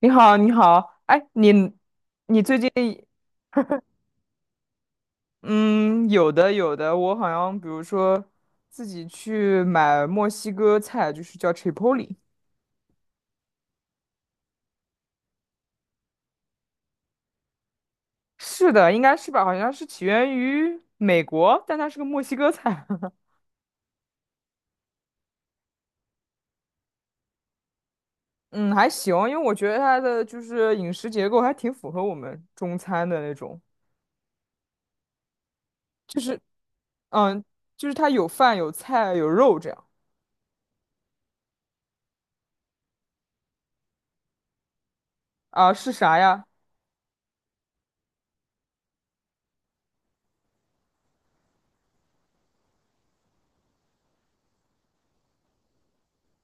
你好，你好，哎，你最近嗯，有的有的，我好像比如说自己去买墨西哥菜，就是叫 Chipotle，是的，应该是吧？好像是起源于美国，但它是个墨西哥菜，嗯，还行，因为我觉得它的就是饮食结构还挺符合我们中餐的那种，就是嗯，就是它有饭有菜有肉这样。啊，是啥呀？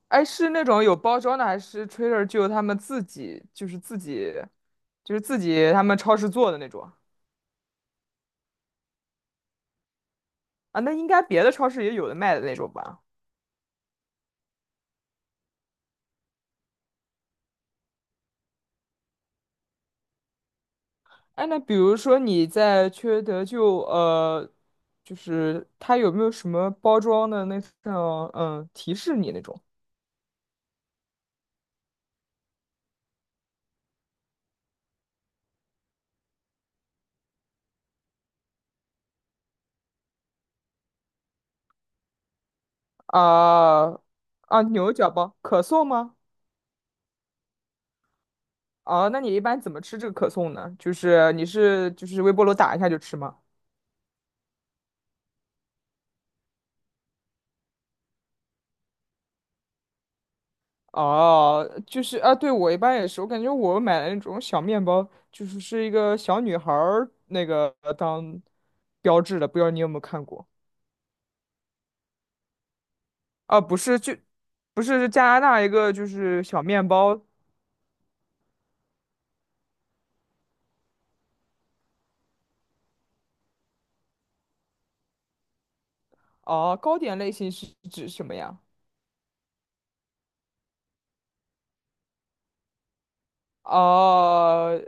哎，是那种有包装的，还是 Trader Joe 他们自己他们超市做的那种。啊？那应该别的超市也有的卖的那种吧？哎，那比如说你在缺德就是它有没有什么包装的那种提示你那种。啊啊牛角包可颂吗？哦、那你一般怎么吃这个可颂呢？就是就是微波炉打一下就吃吗？哦，就是啊，对，我一般也是，我感觉我买的那种小面包，就是一个小女孩儿那个当标志的，不知道你有没有看过？啊，不是，就不是是加拿大一个就是小面包。哦，糕点类型是指什么呀？哦，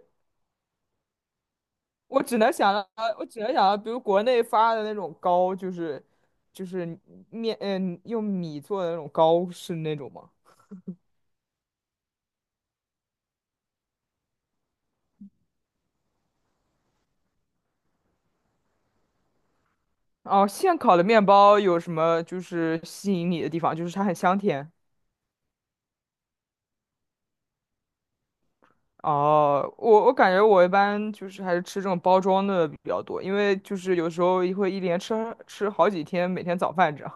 我只能想到，我只能想到，比如国内发的那种糕，就是面，用米做的那种糕，是那种吗？哦，现烤的面包有什么就是吸引你的地方？就是它很香甜。哦，我感觉我一般就是还是吃这种包装的比较多，因为就是有时候会一连吃好几天，每天早饭这样。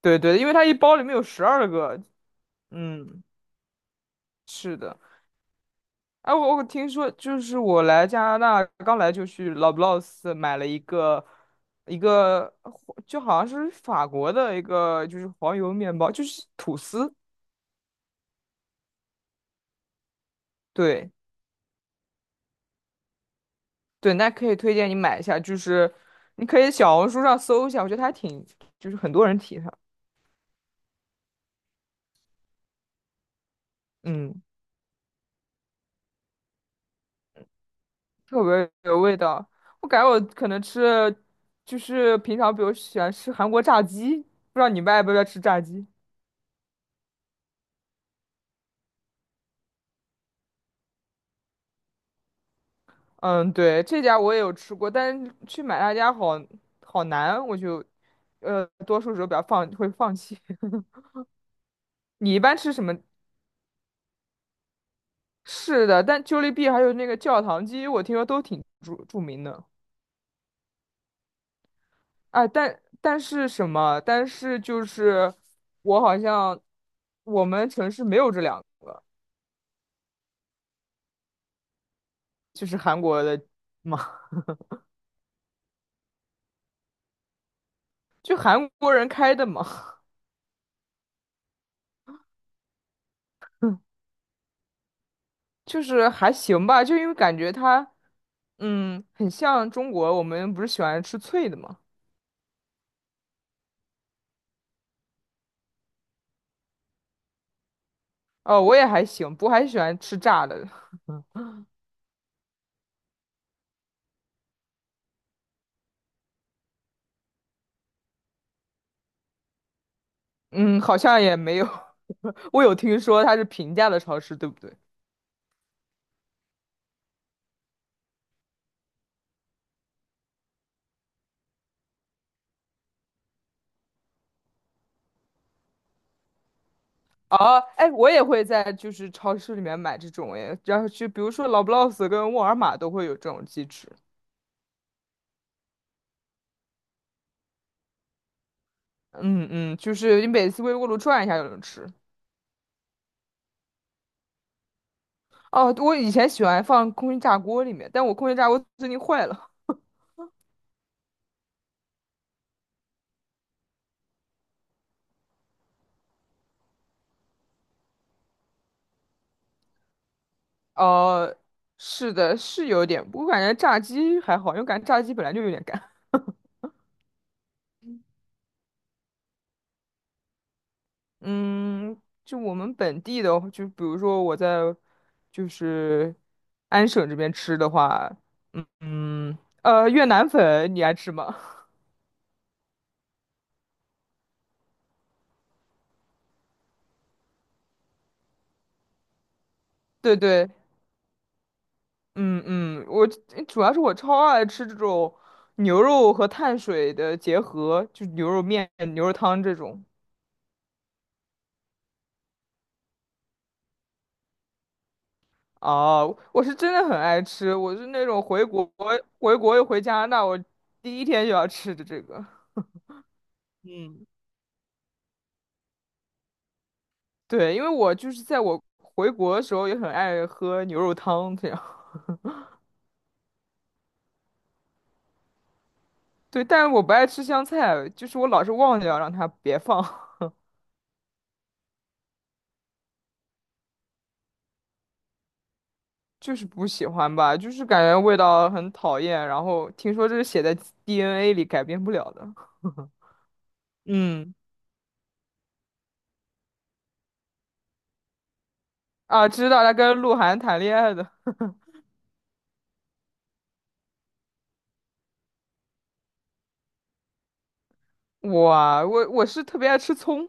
对对，因为它一包里面有12个。嗯，是的。哎，我听说就是我来加拿大刚来就去 Loblaws 买了一个一个就好像是法国的一个就是黄油面包，就是吐司。对。对，那可以推荐你买一下，就是你可以小红书上搜一下，我觉得还挺，就是很多人提它，嗯，特别有味道。我感觉我可能吃了，就是平常比如喜欢吃韩国炸鸡，不知道你们爱不爱吃炸鸡？嗯，对，这家我也有吃过，但是去买他家好难，我就多数时候比较会放弃。你一般吃什么？是的，但 Jollibee 还有那个教堂鸡，我听说都挺著名的。哎，但是什么？但是就是我好像我们城市没有这两个，就是韩国的嘛，就韩国人开的嘛，就是还行吧，就因为感觉它，很像中国，我们不是喜欢吃脆的嘛？哦，我也还行，不过还喜欢吃炸的，嗯，好像也没有，我有听说它是平价的超市，对不对？哦，哎，我也会在就是超市里面买这种哎，然后就比如说老布劳斯跟沃尔玛都会有这种鸡翅，嗯嗯，就是你每次微波炉转一下就能吃。哦，我以前喜欢放空气炸锅里面，但我空气炸锅最近坏了。哦，是的，是有点，我感觉炸鸡还好，因为感觉炸鸡本来就有点干。嗯，就我们本地的，就比如说我在就是安省这边吃的话，嗯嗯，越南粉你爱吃吗？对对，嗯嗯，我主要是我超爱吃这种牛肉和碳水的结合，就牛肉面、牛肉汤这种。哦，我是真的很爱吃，我是那种回国又回加拿大，我第一天就要吃的这个。嗯，对，因为我就是在我回国的时候也很爱喝牛肉汤这样。对，但是我不爱吃香菜，就是我老是忘掉让它别放。就是不喜欢吧，就是感觉味道很讨厌。然后听说这是写在 DNA 里改变不了的。嗯，啊，知道他跟鹿晗谈恋爱的。哇，我是特别爱吃葱。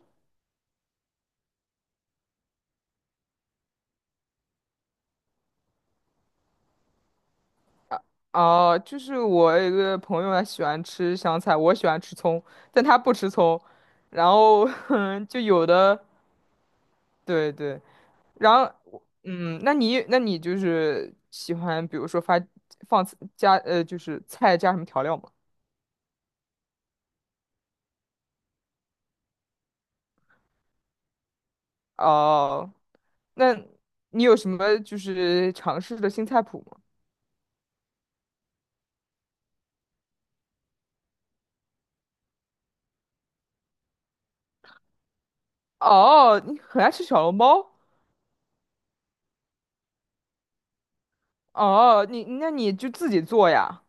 啊，就是我有一个朋友他喜欢吃香菜，我喜欢吃葱，但他不吃葱。然后 就有的，对对，然后那你就是喜欢，比如说发放加呃，就是菜加什么调料吗？哦、那你有什么就是尝试的新菜谱吗？哦，你很爱吃小笼包？哦，那你就自己做呀？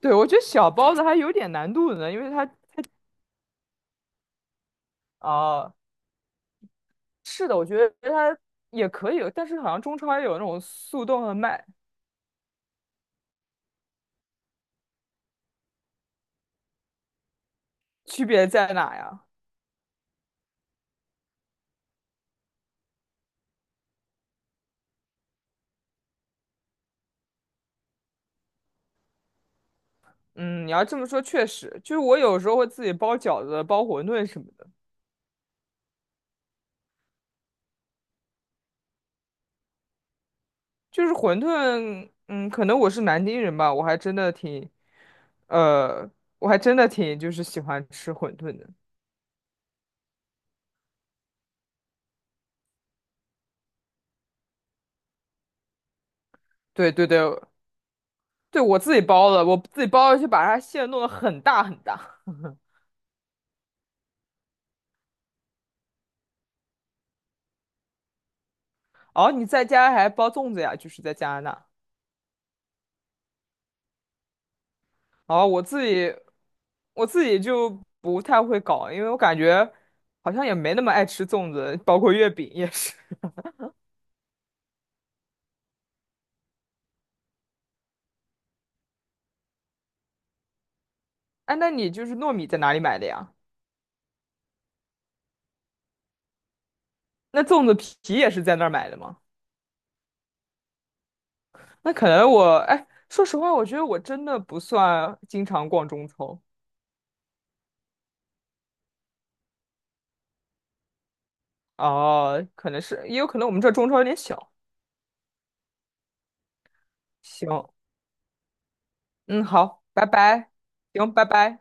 对，我觉得小包子还有点难度呢，因为它。哦，是的，我觉得它也可以，但是好像中超也有那种速冻和卖，区别在哪呀？嗯，你要这么说，确实，就是我有时候会自己包饺子、包馄饨什么。就是馄饨，可能我是南京人吧，呃，我还真的挺就是喜欢吃馄饨的。对对对，对我自己包的就把它馅弄得很大很大。哦，你在家还包粽子呀？就是在加拿大。哦，我自己就不太会搞，因为我感觉好像也没那么爱吃粽子，包括月饼也是。哎，那你就是糯米在哪里买的呀？那粽子皮也是在那儿买的吗？那可能我，哎，说实话，我觉得我真的不算经常逛中超。哦，可能是，也有可能我们这中超有点小。行，嗯，好，拜拜，行，拜拜。